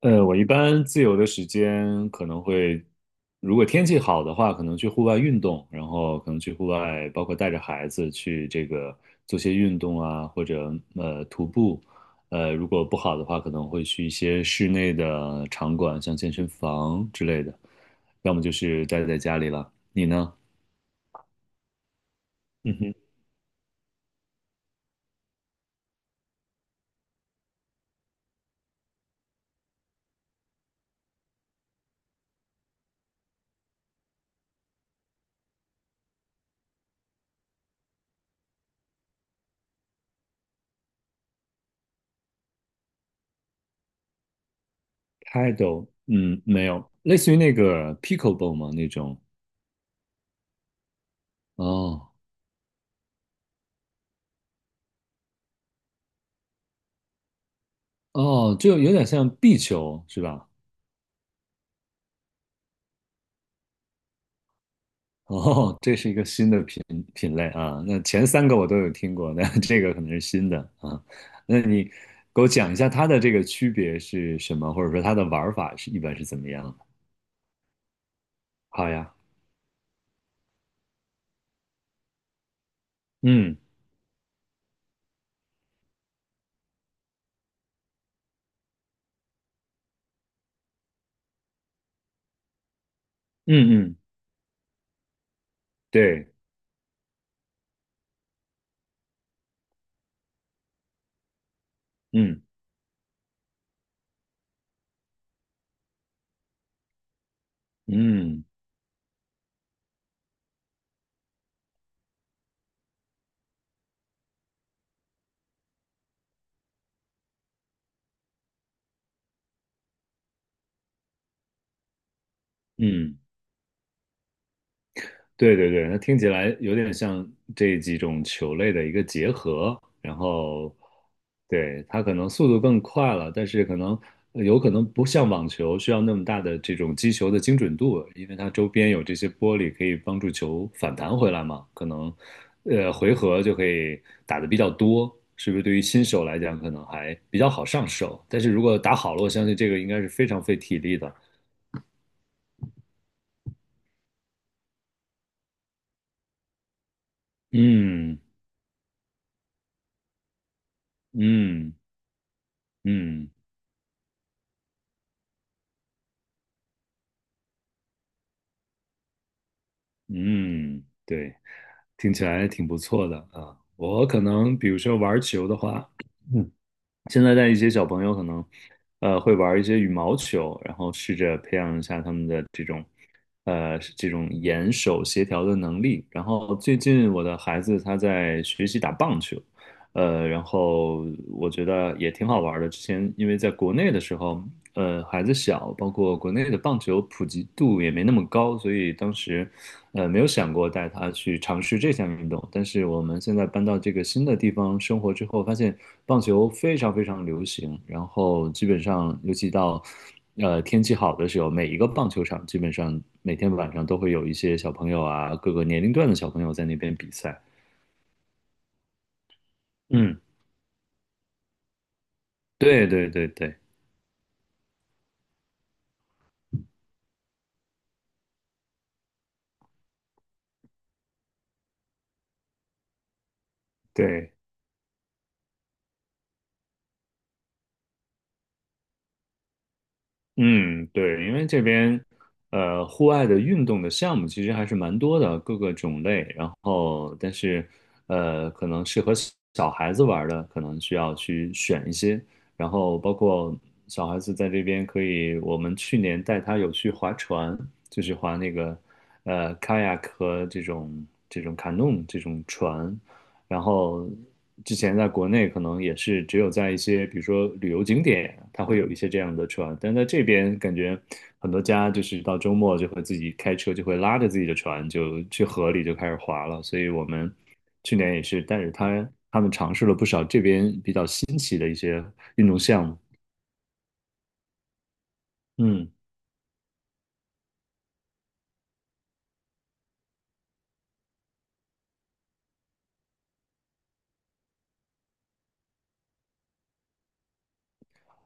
我一般自由的时间可能会，如果天气好的话，可能去户外运动，然后可能去户外，包括带着孩子去这个做些运动啊，或者徒步。如果不好的话，可能会去一些室内的场馆，像健身房之类的，要么就是待在家里了。你呢？嗯哼，Paddle，嗯，没有，类似于那个 pickleball 吗？那种？哦哦，就有点像壁球是吧？哦，这是一个新的品类啊。那前三个我都有听过，那 这个可能是新的啊。那你给我讲一下它的这个区别是什么，或者说它的玩法是一般是怎么样的？好呀，嗯嗯嗯，对，嗯嗯嗯。对对对，它听起来有点像这几种球类的一个结合，然后，对，它可能速度更快了，但是可能有可能不像网球需要那么大的这种击球的精准度，因为它周边有这些玻璃可以帮助球反弹回来嘛，可能，回合就可以打的比较多，是不是？对于新手来讲，可能还比较好上手，但是如果打好了，我相信这个应该是非常费体力的。嗯嗯嗯。嗯，对，听起来挺不错的啊。我可能比如说玩球的话，嗯，现在带一些小朋友可能，会玩一些羽毛球，然后试着培养一下他们的这种，这种眼手协调的能力。然后最近我的孩子他在学习打棒球，然后我觉得也挺好玩的。之前因为在国内的时候，孩子小，包括国内的棒球普及度也没那么高，所以当时没有想过带他去尝试这项运动，但是我们现在搬到这个新的地方生活之后，发现棒球非常非常流行，然后基本上，尤其到天气好的时候，每一个棒球场基本上每天晚上都会有一些小朋友啊，各个年龄段的小朋友在那边比赛。嗯，对对对对对。嗯，对，因为这边户外的运动的项目其实还是蛮多的，各个种类。然后，但是可能适合小小孩子玩儿的，可能需要去选一些。然后，包括小孩子在这边可以，我们去年带他有去划船，就是划那个kayak 和这种 canoe 这种船。然后之前在国内可能也是只有在一些比如说旅游景点啊，它会有一些这样的船，但在这边感觉很多家就是到周末就会自己开车，就会拉着自己的船就去河里就开始划了。所以我们去年也是带着他们尝试了不少这边比较新奇的一些运动项目。嗯。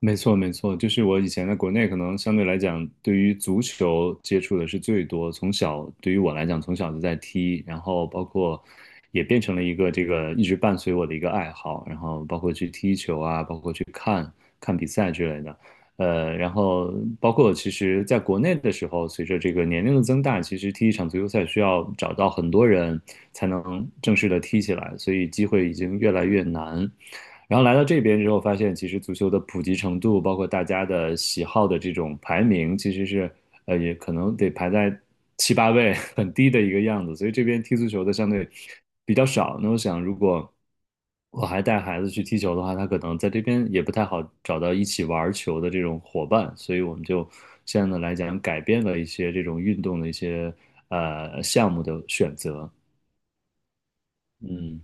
没错，没错，就是我以前在国内，可能相对来讲，对于足球接触的是最多。从小，对于我来讲，从小就在踢，然后包括也变成了一个这个一直伴随我的一个爱好，然后包括去踢球啊，包括去看比赛之类的。然后包括其实在国内的时候，随着这个年龄的增大，其实踢一场足球赛需要找到很多人才能正式的踢起来，所以机会已经越来越难。然后来到这边之后，发现其实足球的普及程度，包括大家的喜好的这种排名，其实是也可能得排在7、8位，很低的一个样子。所以这边踢足球的相对比较少。那我想，如果我还带孩子去踢球的话，他可能在这边也不太好找到一起玩球的这种伙伴。所以我们就相应的来讲，改变了一些这种运动的一些项目的选择。嗯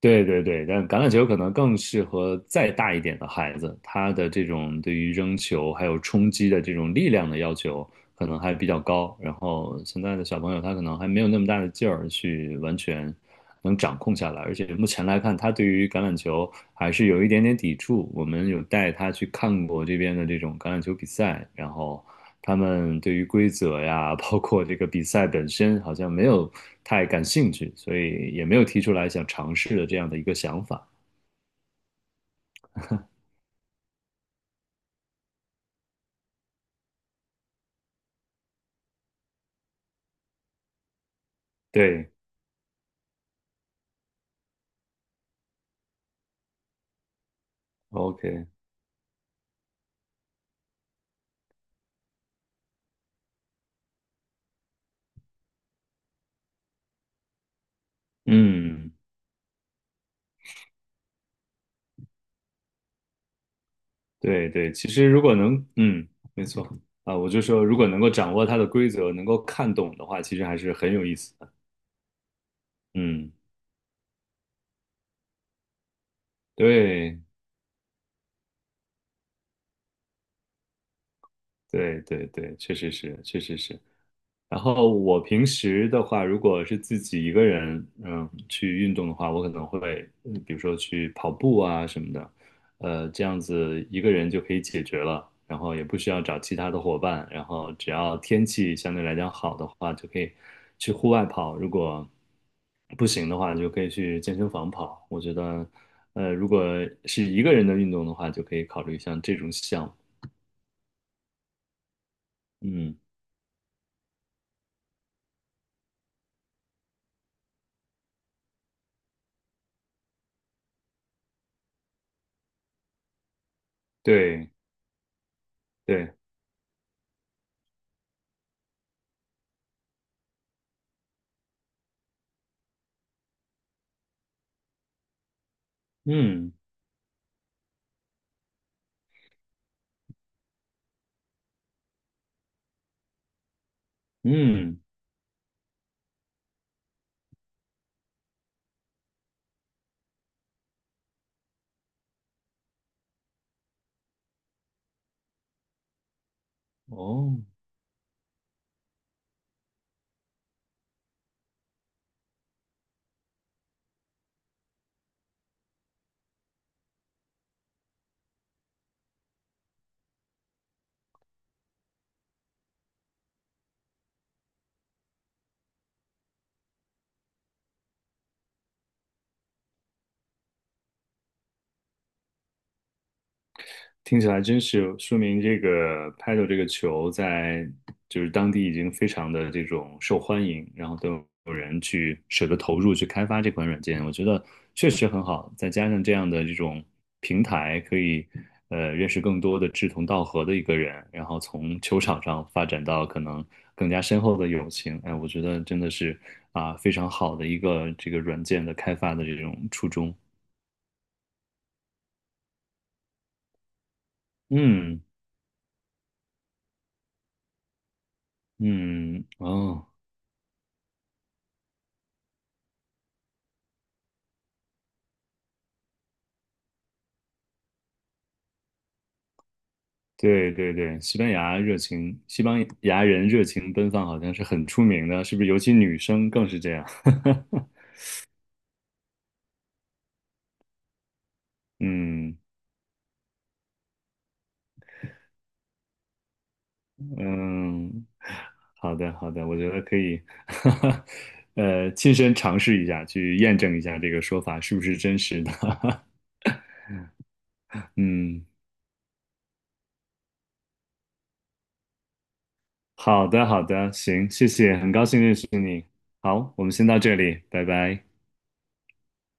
对对对，但橄榄球可能更适合再大一点的孩子，他的这种对于扔球还有冲击的这种力量的要求可能还比较高。然后现在的小朋友他可能还没有那么大的劲儿去完全能掌控下来，而且目前来看，他对于橄榄球还是有一点点抵触。我们有带他去看过这边的这种橄榄球比赛，然后。他们对于规则呀，包括这个比赛本身，好像没有太感兴趣，所以也没有提出来想尝试的这样的一个想法。对，OK，嗯，对对，其实如果能，嗯，没错啊，我就说如果能够掌握它的规则，能够看懂的话，其实还是很有意思的。嗯，对对对对，确实是，确实是。然后我平时的话，如果是自己一个人，嗯，去运动的话，我可能会，嗯比如说去跑步啊什么的，这样子一个人就可以解决了，然后也不需要找其他的伙伴，然后只要天气相对来讲好的话，就可以去户外跑，如果不行的话，就可以去健身房跑。我觉得，如果是一个人的运动的话，就可以考虑像这种项目。嗯，对对，嗯嗯，哦。听起来真是有说明这个 paddle 这个球在就是当地已经非常的这种受欢迎，然后都有人去舍得投入去开发这款软件，我觉得确实很好。再加上这样的这种平台，可以认识更多的志同道合的一个人，然后从球场上发展到可能更加深厚的友情。哎，我觉得真的是啊非常好的一个这个软件的开发的这种初衷。嗯嗯哦。对对对，西班牙热情，西班牙人热情奔放好像是很出名的，是不是？尤其女生更是这样。嗯嗯，好的好的，我觉得可以，亲身尝试一下，去验证一下这个说法是不是真实的。嗯，好的好的，行，谢谢，很高兴认识你。好，我们先到这里，拜拜。